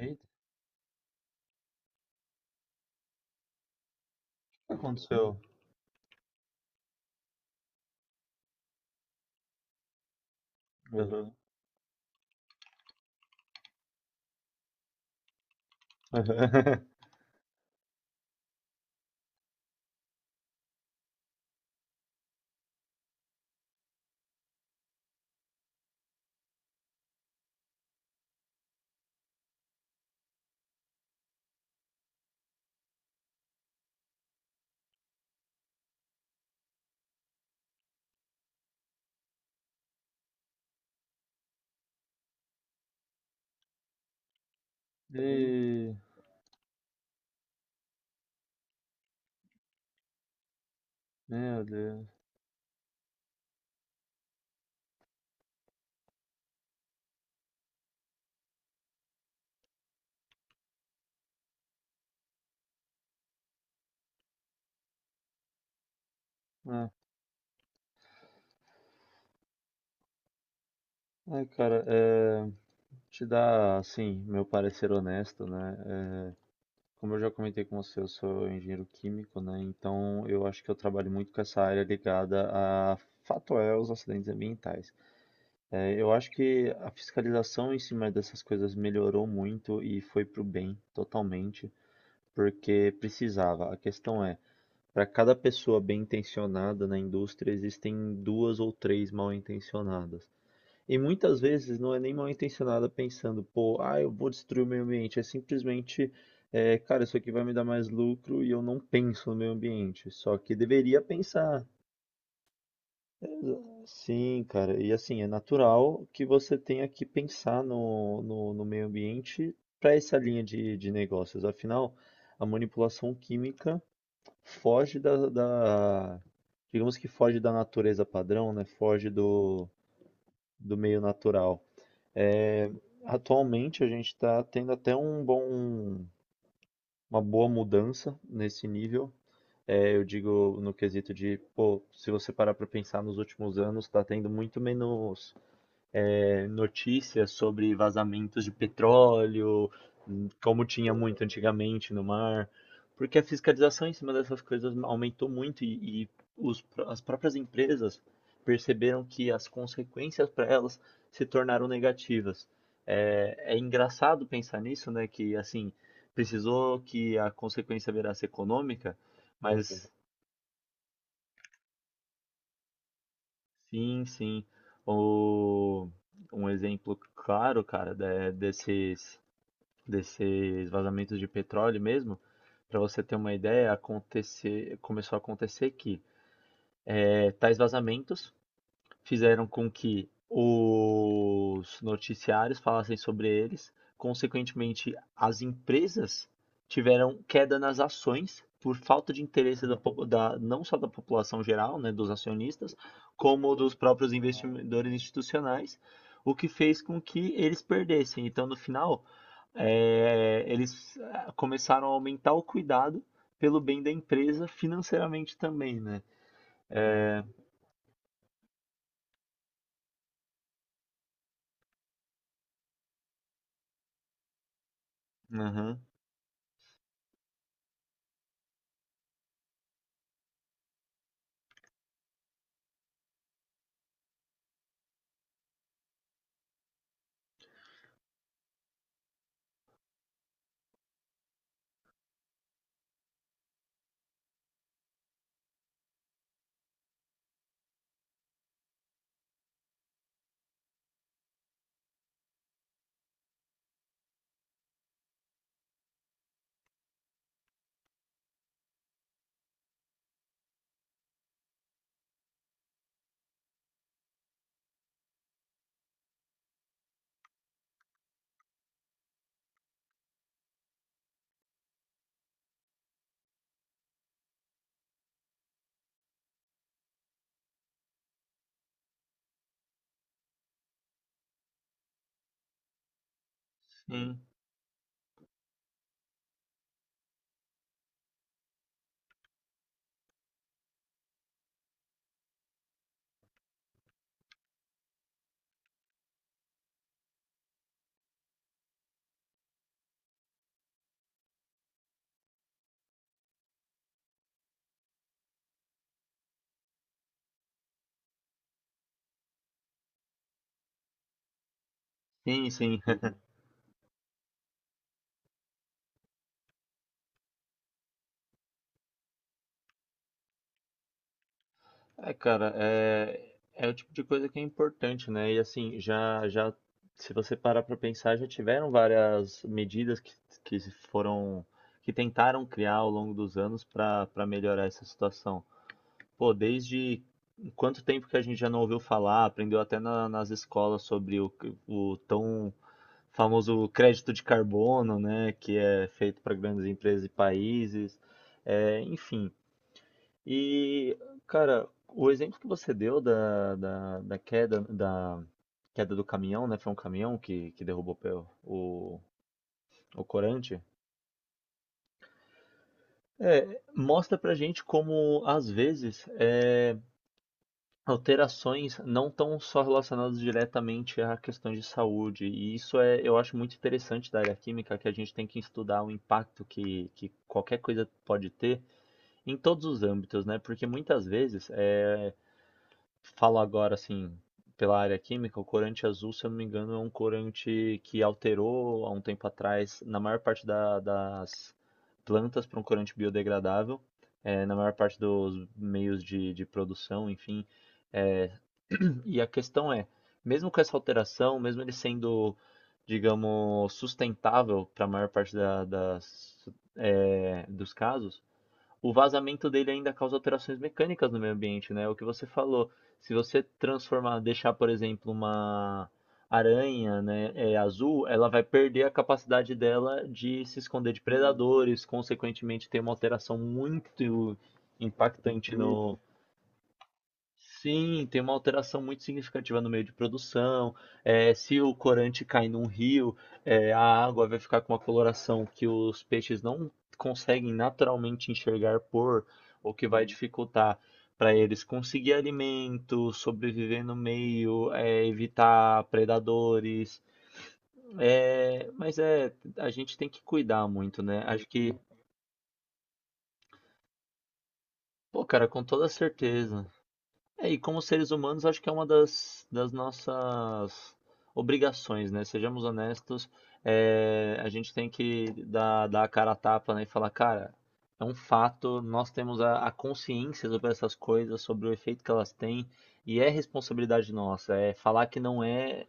Eita, o que aconteceu? Uhum. E, meu Deus. Ah, Ai, cara, te dar, assim, meu parecer honesto, né? Como eu já comentei com você, eu sou engenheiro químico, né? Então eu acho que eu trabalho muito com essa área ligada a fato é os acidentes ambientais. Eu acho que a fiscalização em cima dessas coisas melhorou muito e foi pro bem, totalmente, porque precisava. A questão é: para cada pessoa bem-intencionada na indústria, existem duas ou três mal-intencionadas. E muitas vezes não é nem mal-intencionada pensando, pô, ah, eu vou destruir o meio ambiente. É simplesmente, cara, isso aqui vai me dar mais lucro e eu não penso no meio ambiente. Só que deveria pensar. Sim, cara. E assim, é natural que você tenha que pensar no meio ambiente para essa linha de negócios. Afinal, a manipulação química foge digamos que foge da natureza padrão, né? Foge do meio natural. É, Atualmente a gente está tendo até um bom, uma boa mudança nesse nível. Eu digo no quesito de, pô, se você parar para pensar nos últimos anos, está tendo muito menos notícias sobre vazamentos de petróleo, como tinha muito antigamente no mar, porque a fiscalização em cima dessas coisas aumentou muito e as próprias empresas perceberam que as consequências para elas se tornaram negativas. É engraçado pensar nisso, né? Que assim precisou que a consequência virasse econômica, mas sim, sim, o, um exemplo claro, cara, desses desses vazamentos de petróleo mesmo, para você ter uma ideia, acontecer, começou a acontecer que tais vazamentos fizeram com que os noticiários falassem sobre eles. Consequentemente, as empresas tiveram queda nas ações por falta de interesse não só da população geral, né, dos acionistas, como dos próprios investidores institucionais, o que fez com que eles perdessem. Então, no final, começaram a aumentar o cuidado pelo bem da empresa financeiramente também, né? Aham. Sim, sim, sim. Cara, é o tipo de coisa que é importante, né? E assim, já, se você parar para pensar, já tiveram várias medidas que se foram, que tentaram criar ao longo dos anos para melhorar essa situação. Pô, desde quanto tempo que a gente já não ouviu falar, aprendeu até nas escolas sobre o tão famoso crédito de carbono, né? Que é feito para grandes empresas e países. É, enfim. E, cara, o exemplo que você deu da queda do caminhão, né? Foi um caminhão que derrubou o, o corante. Mostra pra gente como, às vezes, alterações não estão só relacionadas diretamente a questões de saúde. E isso é, eu acho muito interessante da área química, que a gente tem que estudar o impacto que qualquer coisa pode ter em todos os âmbitos, né? Porque muitas vezes, falo agora, assim, pela área química, o corante azul, se eu não me engano, é um corante que alterou há um tempo atrás, na maior parte das plantas, para um corante biodegradável, na maior parte dos meios de produção, enfim. eh, e a questão é, mesmo com essa alteração, mesmo ele sendo, digamos, sustentável para a maior parte dos casos, o vazamento dele ainda causa alterações mecânicas no meio ambiente, né? O que você falou, se você transformar, deixar, por exemplo, uma aranha, né, azul, ela vai perder a capacidade dela de se esconder de predadores, consequentemente tem uma alteração muito impactante no, sim, tem uma alteração muito significativa no meio de produção. É, se o corante cai num rio, a água vai ficar com uma coloração que os peixes não conseguem naturalmente enxergar por, o que vai Uhum. dificultar para eles conseguir alimento, sobreviver no meio, evitar predadores. É, mas é, a gente tem que cuidar muito, né? Acho que, pô, cara, com toda certeza. É, e como seres humanos, acho que é uma das nossas obrigações, né? Sejamos honestos, a gente tem que dar a cara a tapa, né? E falar, cara, é um fato, nós temos a consciência sobre essas coisas, sobre o efeito que elas têm, e é responsabilidade nossa. É falar que não é.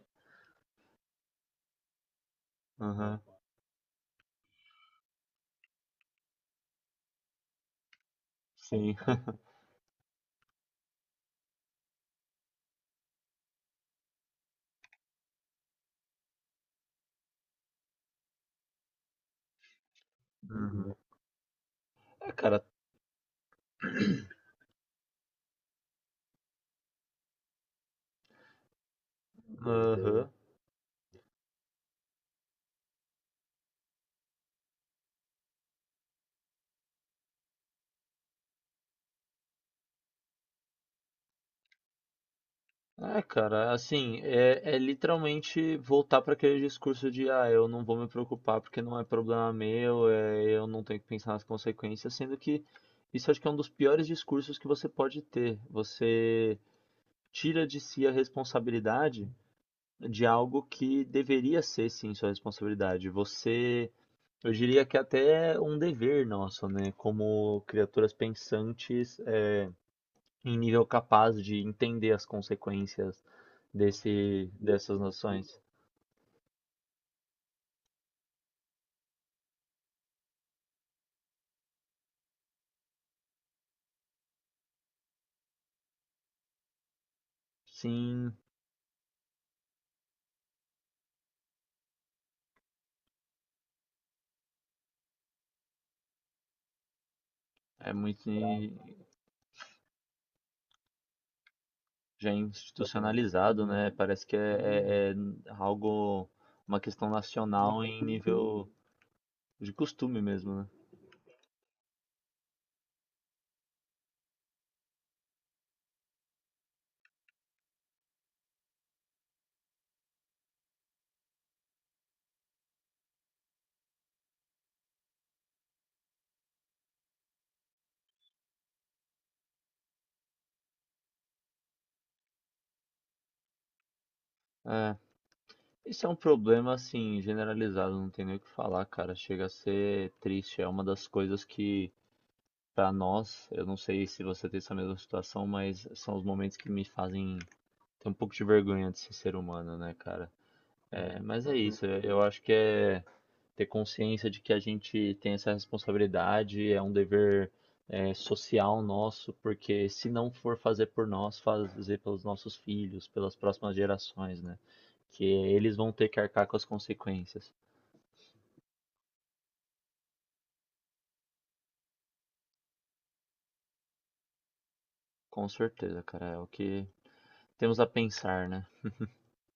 Aham, sim. É, cara, aham. É, cara, assim, é, é literalmente voltar para aquele discurso de, ah, eu não vou me preocupar porque não é problema meu, é, eu não tenho que pensar nas consequências, sendo que isso acho que é um dos piores discursos que você pode ter. Você tira de si a responsabilidade de algo que deveria ser, sim, sua responsabilidade. Você, eu diria que é até um dever nosso, né, como criaturas pensantes, em nível capaz de entender as consequências dessas noções. Sim, é muito já institucionalizado, né? Parece que é algo, uma questão nacional em nível de costume mesmo, né? É, isso é um problema, assim, generalizado, não tem nem o que falar, cara. Chega a ser triste, é uma das coisas que, pra nós, eu não sei se você tem essa mesma situação, mas são os momentos que me fazem ter um pouco de vergonha de ser ser humano, né, cara? É, mas é isso, eu acho que é ter consciência de que a gente tem essa responsabilidade, é um dever social nosso, porque se não for fazer por nós, fazer pelos nossos filhos, pelas próximas gerações, né? Que eles vão ter que arcar com as consequências. Com certeza, cara, é o que temos a pensar, né?